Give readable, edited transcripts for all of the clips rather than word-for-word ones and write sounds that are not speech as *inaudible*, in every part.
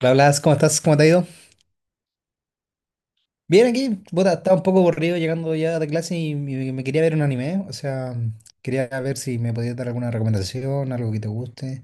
Hola, Blas, ¿cómo estás? ¿Cómo te ha ido? Bien, aquí, puta, estaba un poco aburrido llegando ya de clase y me quería ver un anime, o sea, quería ver si me podías dar alguna recomendación, algo que te guste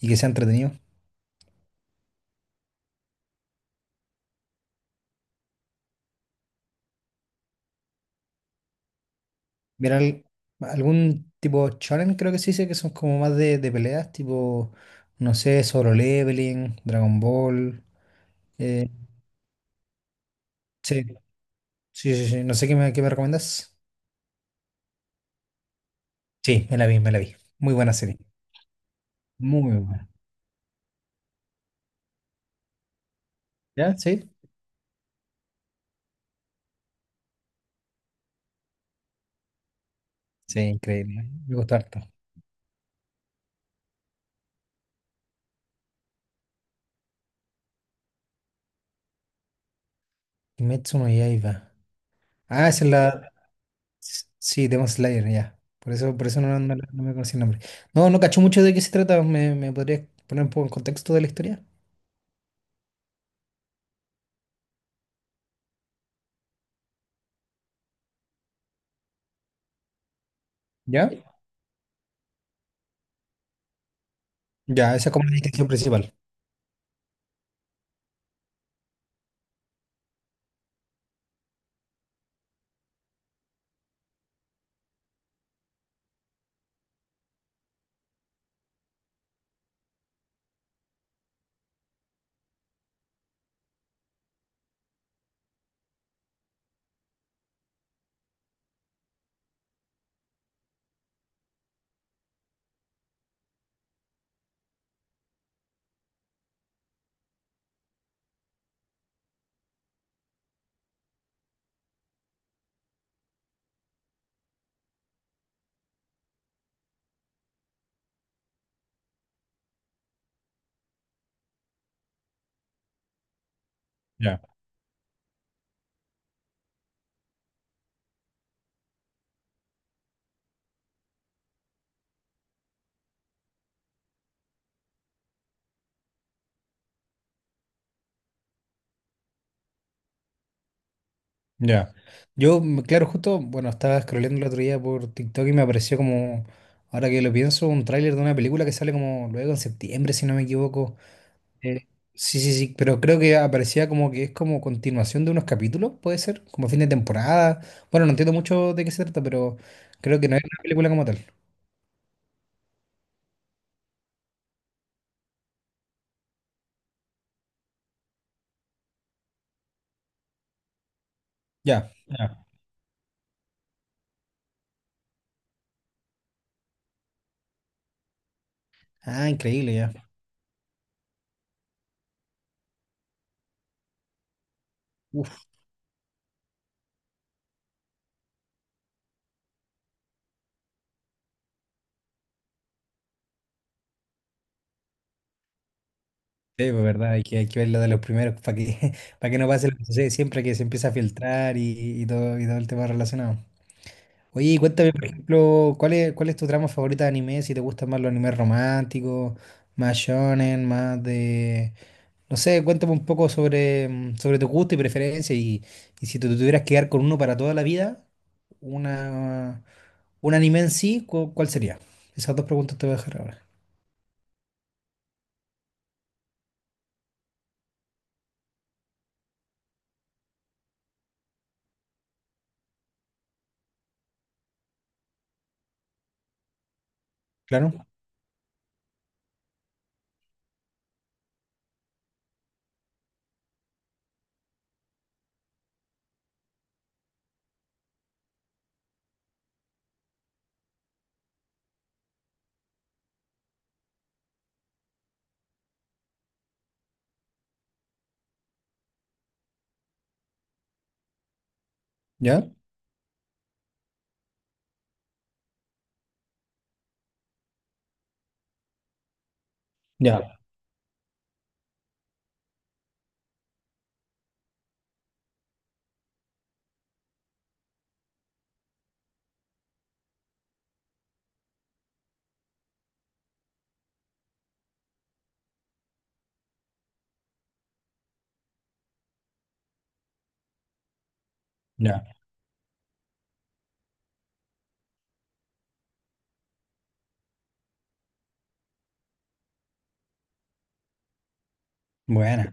y que sea entretenido. Mira, algún tipo shonen creo que sí sé que son como más de peleas, tipo, no sé, Solo Leveling, Dragon Ball. eh, sí, sí, sí, sí, no sé qué me recomiendas. Sí, me la vi. Muy buena serie, muy buena. ¿Ya? Sí, sí, increíble, me gustó harto. Kimetsu no Yaiba. Ah, esa es la. Sí, Demon Slayer, ya. Por eso no me conocí el nombre. No, no cacho mucho de qué se trata. ¿Me podrías poner un poco en contexto de la historia? ¿Ya? Ya, esa es como la distinción principal. Ya, ya. Yo, claro, justo, bueno, estaba scrolleando el otro día por TikTok y me apareció como, ahora que lo pienso, un tráiler de una película que sale como luego en septiembre, si no me equivoco. Eh, sí, sí, sí, pero creo que aparecía como que es como continuación de unos capítulos, puede ser, como fin de temporada. Bueno, no entiendo mucho de qué se trata, pero creo que no es una película como tal. Ya, ya. Ah, increíble, ya. Uf, sí, pues, verdad, hay que ver lo de los primeros para que, *laughs* para que no pase lo que sucede siempre que se empieza a filtrar y todo el tema relacionado. Oye, y cuéntame, por ejemplo, ¿cuál es tu trama favorita de anime? Si te gustan más los animes románticos, más shonen, más de No sé, cuéntame un poco sobre, sobre tu gusto y preferencia y si te tuvieras que quedar con uno para toda la vida, una, un anime en sí, ¿cuál sería? Esas dos preguntas te voy a dejar ahora. ¿Claro? ¿Ya? Ya, ya. Buena.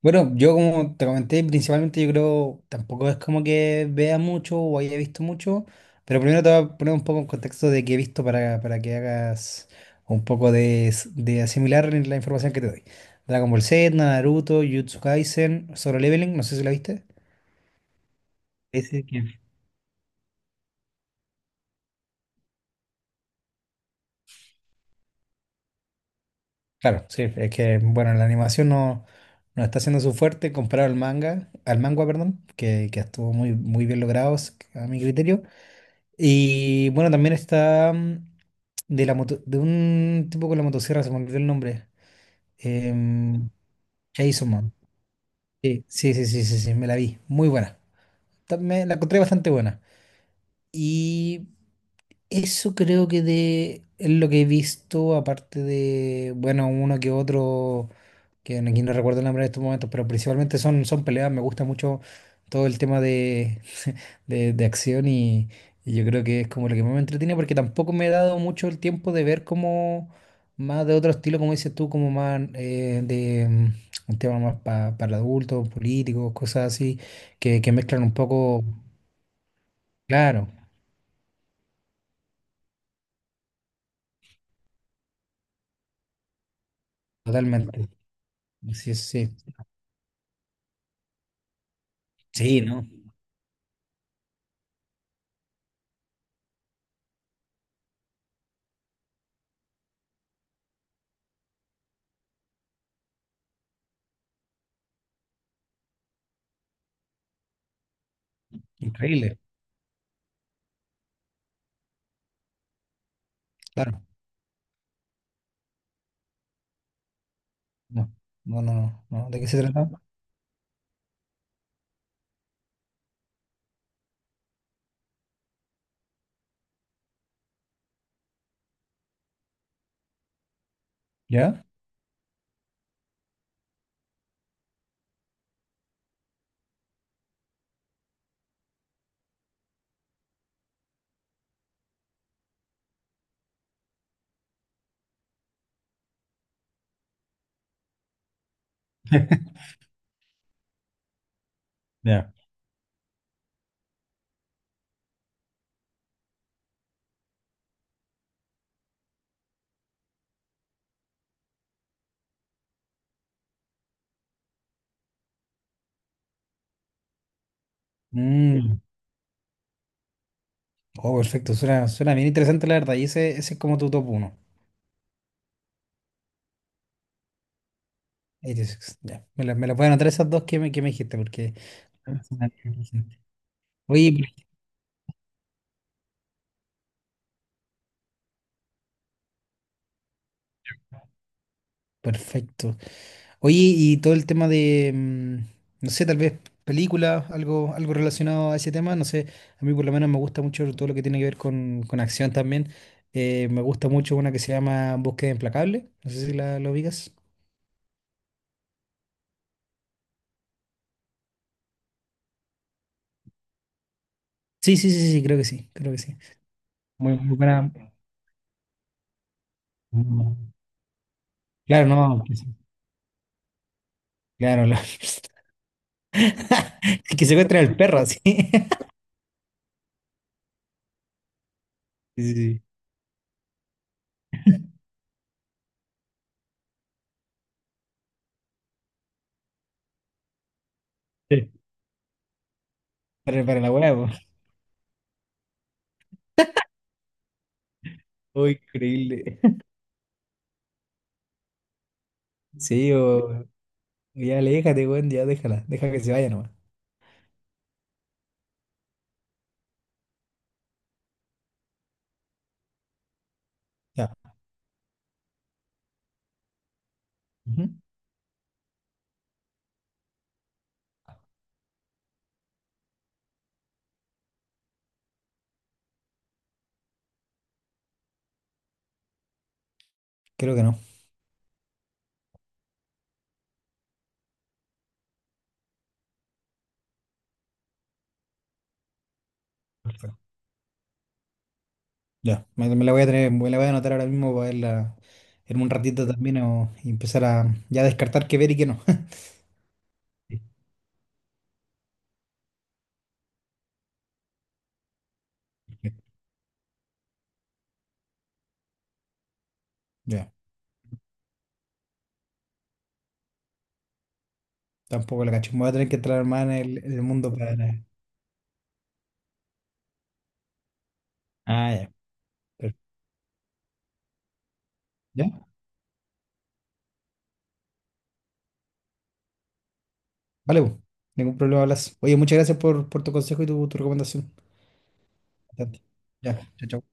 Bueno, yo como te comenté, principalmente yo creo, tampoco es como que vea mucho o haya visto mucho, pero primero te voy a poner un poco en contexto de qué he visto para que hagas un poco de asimilar la información que te doy. Dragon Ball Z, Naruto, Jujutsu Kaisen, Solo Leveling, no sé si la viste. Ese que- Claro, sí, es que, bueno, la animación no está siendo su fuerte comparado al manga, perdón, que estuvo muy, muy bien logrado a mi criterio. Y bueno, también está de un tipo con la motosierra, se me olvidó el nombre. Em, Chainsaw Man. Sí, sí, sí, sí, sí, sí, me la vi. Muy buena. La encontré bastante buena. Y eso creo que es lo que he visto, aparte de, bueno, uno que otro, que no- aquí no recuerdo el nombre en estos momentos, pero principalmente son peleas. Me gusta mucho todo el tema de acción y yo creo que es como lo que más me entretiene porque tampoco me he dado mucho el tiempo de ver como más de otro estilo, como dices tú, como más de un tema más para adultos, políticos, cosas así, que mezclan un poco, claro, totalmente. Sí, sí, sí, ¿no? Increíble, claro. No, no, no, no, no. ¿De qué se trata? ¿Ya? *laughs* Ya. Mm, Oh, perfecto, suena bien interesante la verdad. Y ese es como tu top uno 86, ya. Me la pueden anotar esas dos que me dijiste, porque... son las que me dijiste. Oye, perfecto. Oye, y todo el tema de, no sé, tal vez película algo relacionado a ese tema, no sé, a mí por lo menos me gusta mucho todo lo que tiene que ver con acción también. Me gusta mucho una que se llama Búsqueda Implacable, no sé si la ubicas. Sí, sí, sí, sí, creo que sí, creo que sí. Muy, muy buena. Mm. Claro, no, que sí. Claro, *laughs* que se encuentra el perro, sí. *laughs* Sí, sí, sí. Para la hueá, po. Uy, increíble. *laughs* Sí, o ya aléjate, weón, ya déjala, deja que se vaya nomás. Ya. Ujú. Creo que no. Perfecto. Ya, me la voy a tener, me la voy a anotar ahora mismo para verla en un ratito también y empezar a ya descartar qué ver y qué no. *laughs* Sí, sí. Ya, tampoco la cacho. Me voy a tener que entrar más en el mundo para. Ah, ya. per- Ya, vale, po. Ningún problema, hablas. Oye, muchas gracias por tu consejo y tu recomendación. Bastante. Ya, chao, chao.